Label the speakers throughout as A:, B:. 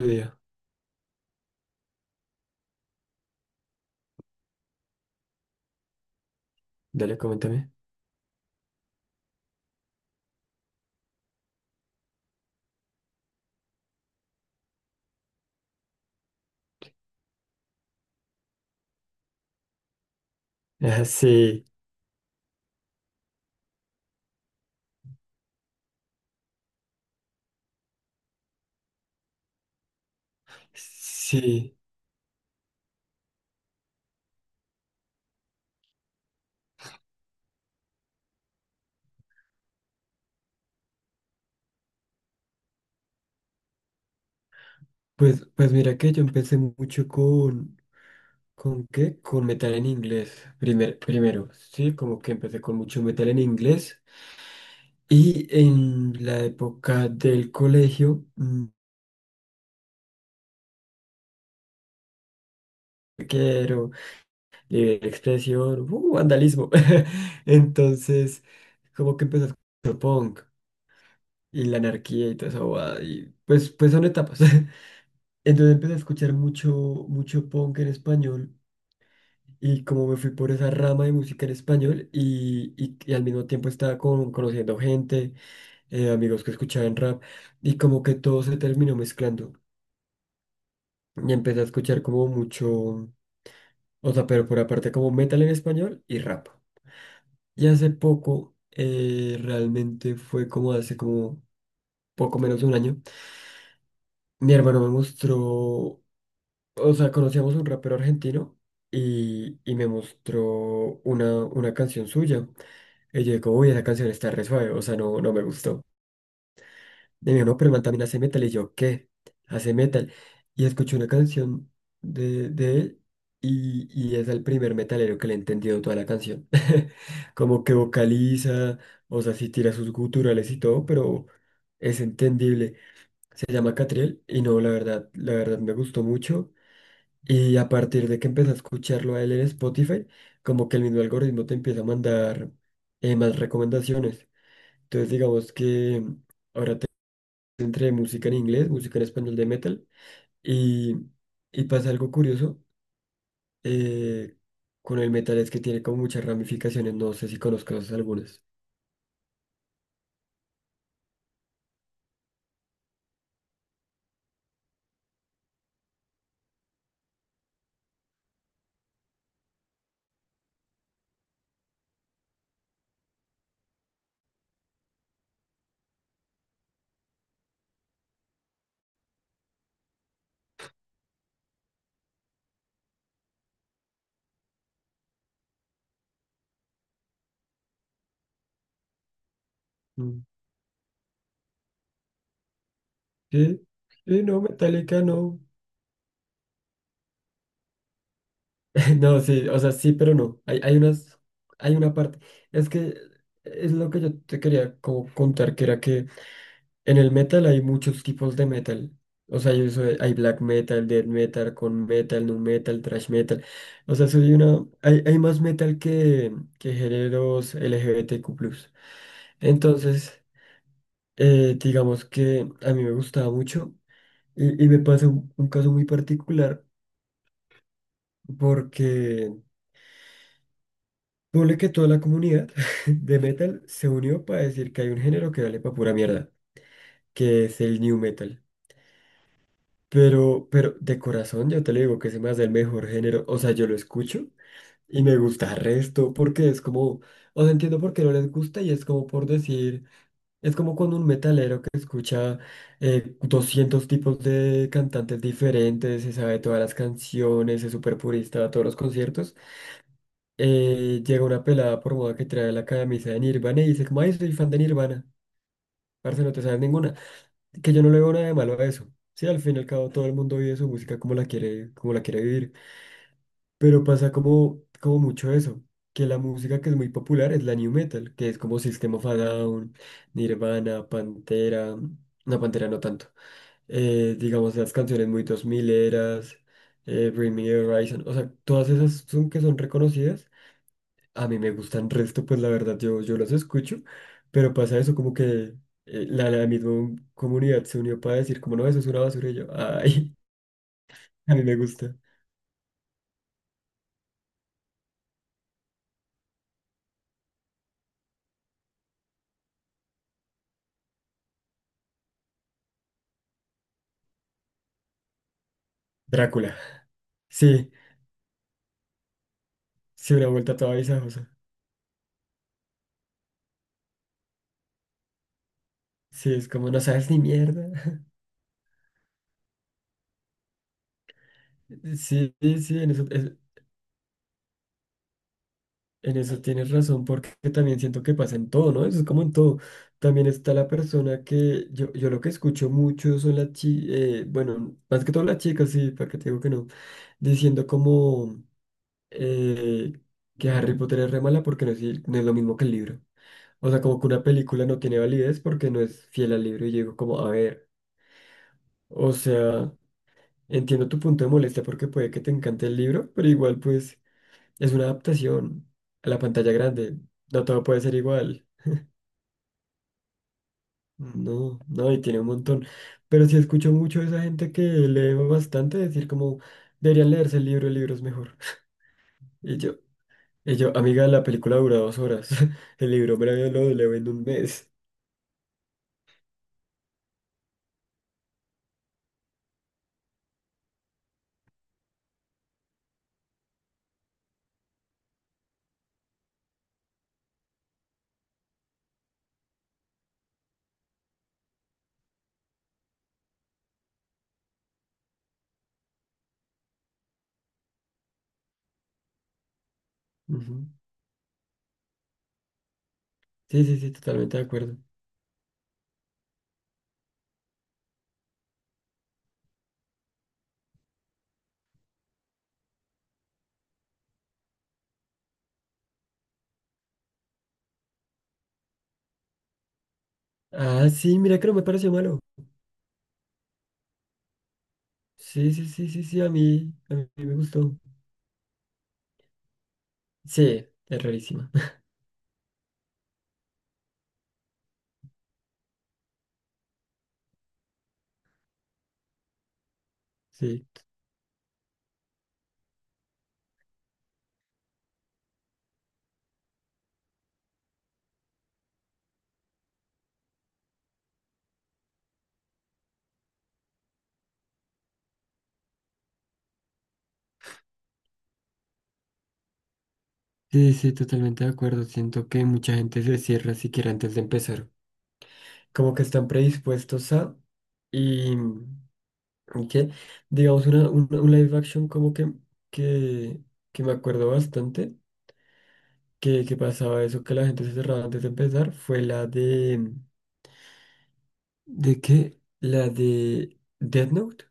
A: Video, dale, coméntame. Ah, sí, sí. Pues, pues mira que yo empecé mucho ¿con qué? Con metal en inglés. Primer, primero, sí, como que empecé con mucho metal en inglés. Y en la época del colegio, quiero libre expresión, vandalismo. Entonces, como que empezó con punk y la anarquía y toda esa eso. Y pues, pues son etapas. Entonces empecé a escuchar mucho, mucho punk en español y como me fui por esa rama de música en español y al mismo tiempo estaba con, conociendo gente, amigos que escuchaban rap y como que todo se terminó mezclando y empecé a escuchar como mucho, o sea, pero por aparte como metal en español y rap. Y hace poco, realmente fue como hace como poco menos de un año, mi hermano me mostró. O sea, conocíamos a un rapero argentino y me mostró una canción suya. Y yo digo, uy, esa canción está re suave, o sea, no, no me gustó. Y me dijo, no, pero el man también hace metal. Y yo, ¿qué? Hace metal. Y escuché una canción de él y es el primer metalero que le he entendido toda la canción. Como que vocaliza, o sea, sí tira sus guturales y todo, pero es entendible. Se llama Catriel y no, la verdad me gustó mucho. Y a partir de que empecé a escucharlo a él en Spotify, como que el mismo algoritmo te empieza a mandar más recomendaciones. Entonces, digamos que entre música en inglés, música en español de metal, y, y pasa algo curioso eh, con el metal es que tiene como muchas ramificaciones, no sé si conozcas algunas. Mm. Sí, sí, no, Metallica no. No, sí, o sea, sí, pero no. Hay unas, hay una parte. Es que es lo que yo te quería como contar, que era que en el metal hay muchos tipos de metal. O sea, yo soy, hay black metal, death metal, con metal, nu metal, thrash metal. O sea, soy una, hay más metal que géneros LGBTQ+. Entonces, digamos que a mí me gustaba mucho y me pasa un caso muy particular porque ponle que toda la comunidad de metal se unió para decir que hay un género que vale para pura mierda, que es el new metal. Pero de corazón yo te lo digo que se me hace el mejor género. O sea, yo lo escucho y me gusta el resto porque es como, o sea, entiendo por qué no les gusta y es como por decir, es como cuando un metalero que escucha 200 tipos de cantantes diferentes, se sabe todas las canciones, es súper purista a todos los conciertos, llega una pelada por moda que trae la camisa de Nirvana y dice, como, ay, soy fan de Nirvana. Parce, no te sabes ninguna, que yo no le veo nada de malo a eso. Sí, al fin y al cabo todo el mundo vive su música como la quiere vivir, pero pasa como, como mucho eso, que la música que es muy popular es la new metal, que es como System of a Down, Nirvana, Pantera no tanto, digamos las canciones muy dos mileras, Bring Me the Horizon, o sea, todas esas son que son reconocidas, a mí me gustan resto, pues la verdad yo, yo los escucho, pero pasa eso como que la, la misma comunidad se unió para decir como no, eso es una basura y yo, ay, a mí me gusta. Drácula. Sí, sí, una vuelta toda visajosa. Sí, es como no sabes ni mierda. Sí, sí, sí, en eso, es- en eso tienes razón, porque también siento que pasa en todo, ¿no? Eso es como en todo. También está la persona que yo lo que escucho mucho son las chicas, bueno, más que todo las chicas, sí, para que te digo que no, diciendo como... eh, que Harry Potter es re mala porque no es, el- no es lo mismo que el libro. O sea, como que una película no tiene validez porque no es fiel al libro. Y yo digo como, a ver, o sea, entiendo tu punto de molestia porque puede que te encante el libro, pero igual pues es una adaptación a la pantalla grande. No todo puede ser igual. No, no, y tiene un montón. Pero sí escucho mucho de esa gente que lee bastante decir como, deberían leerse el libro es mejor. Y yo, y yo, amiga, la película dura dos horas. El libro me lo leo en un mes. Ujú. Sí, sí, sí, totalmente de acuerdo. Ah, sí, mira que no me pareció malo. Sí, sí, sí, sí, sí, a mí me gustó. Sí, es rarísima. Sí, sí, sí, totalmente de acuerdo. Siento que mucha gente se cierra siquiera antes de empezar. Como que están predispuestos a... Y, y que, digamos, una, un live action como que, que me acuerdo bastante, que pasaba eso, que la gente se cerraba antes de empezar, fue la de... ¿De qué? La de Death Note.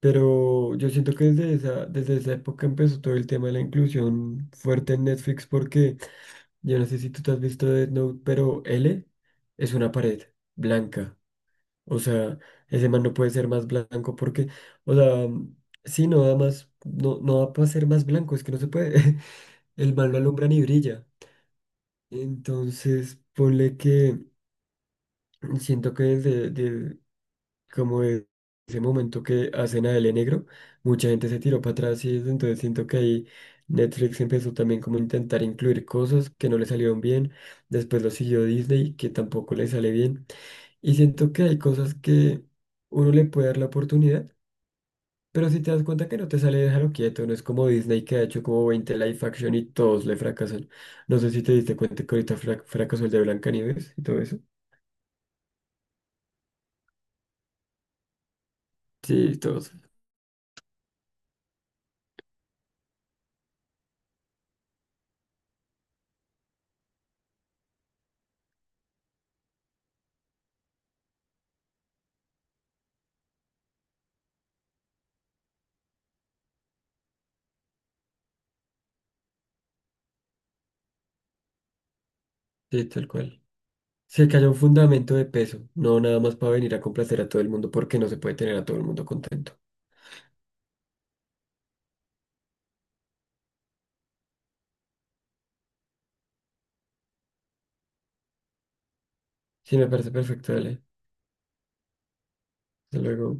A: Pero yo siento que desde esa época empezó todo el tema de la inclusión fuerte en Netflix porque yo no sé si tú te has visto Death Note, pero L es una pared blanca. O sea, ese man no puede ser más blanco porque, o sea, sí, no da más, no, no da para ser más blanco, es que no se puede. El man no alumbra ni brilla. Entonces, ponle que... Siento que desde, de- como de ese momento que hacen a L Negro, mucha gente se tiró para atrás y desde entonces siento que ahí Netflix empezó también como a intentar incluir cosas que no le salieron bien, después lo siguió Disney, que tampoco le sale bien, y siento que hay cosas que uno le puede dar la oportunidad, pero si te das cuenta que no te sale, déjalo quieto, no es como Disney que ha hecho como 20 live action y todos le fracasan. No sé si te diste cuenta que ahorita frac- fracasó el de Blancanieves y todo eso. Sí, todos, sí, tal cual. Se cayó un fundamento de peso, no nada más para venir a complacer a todo el mundo, porque no se puede tener a todo el mundo contento. Sí, me parece perfecto, dale. Hasta luego.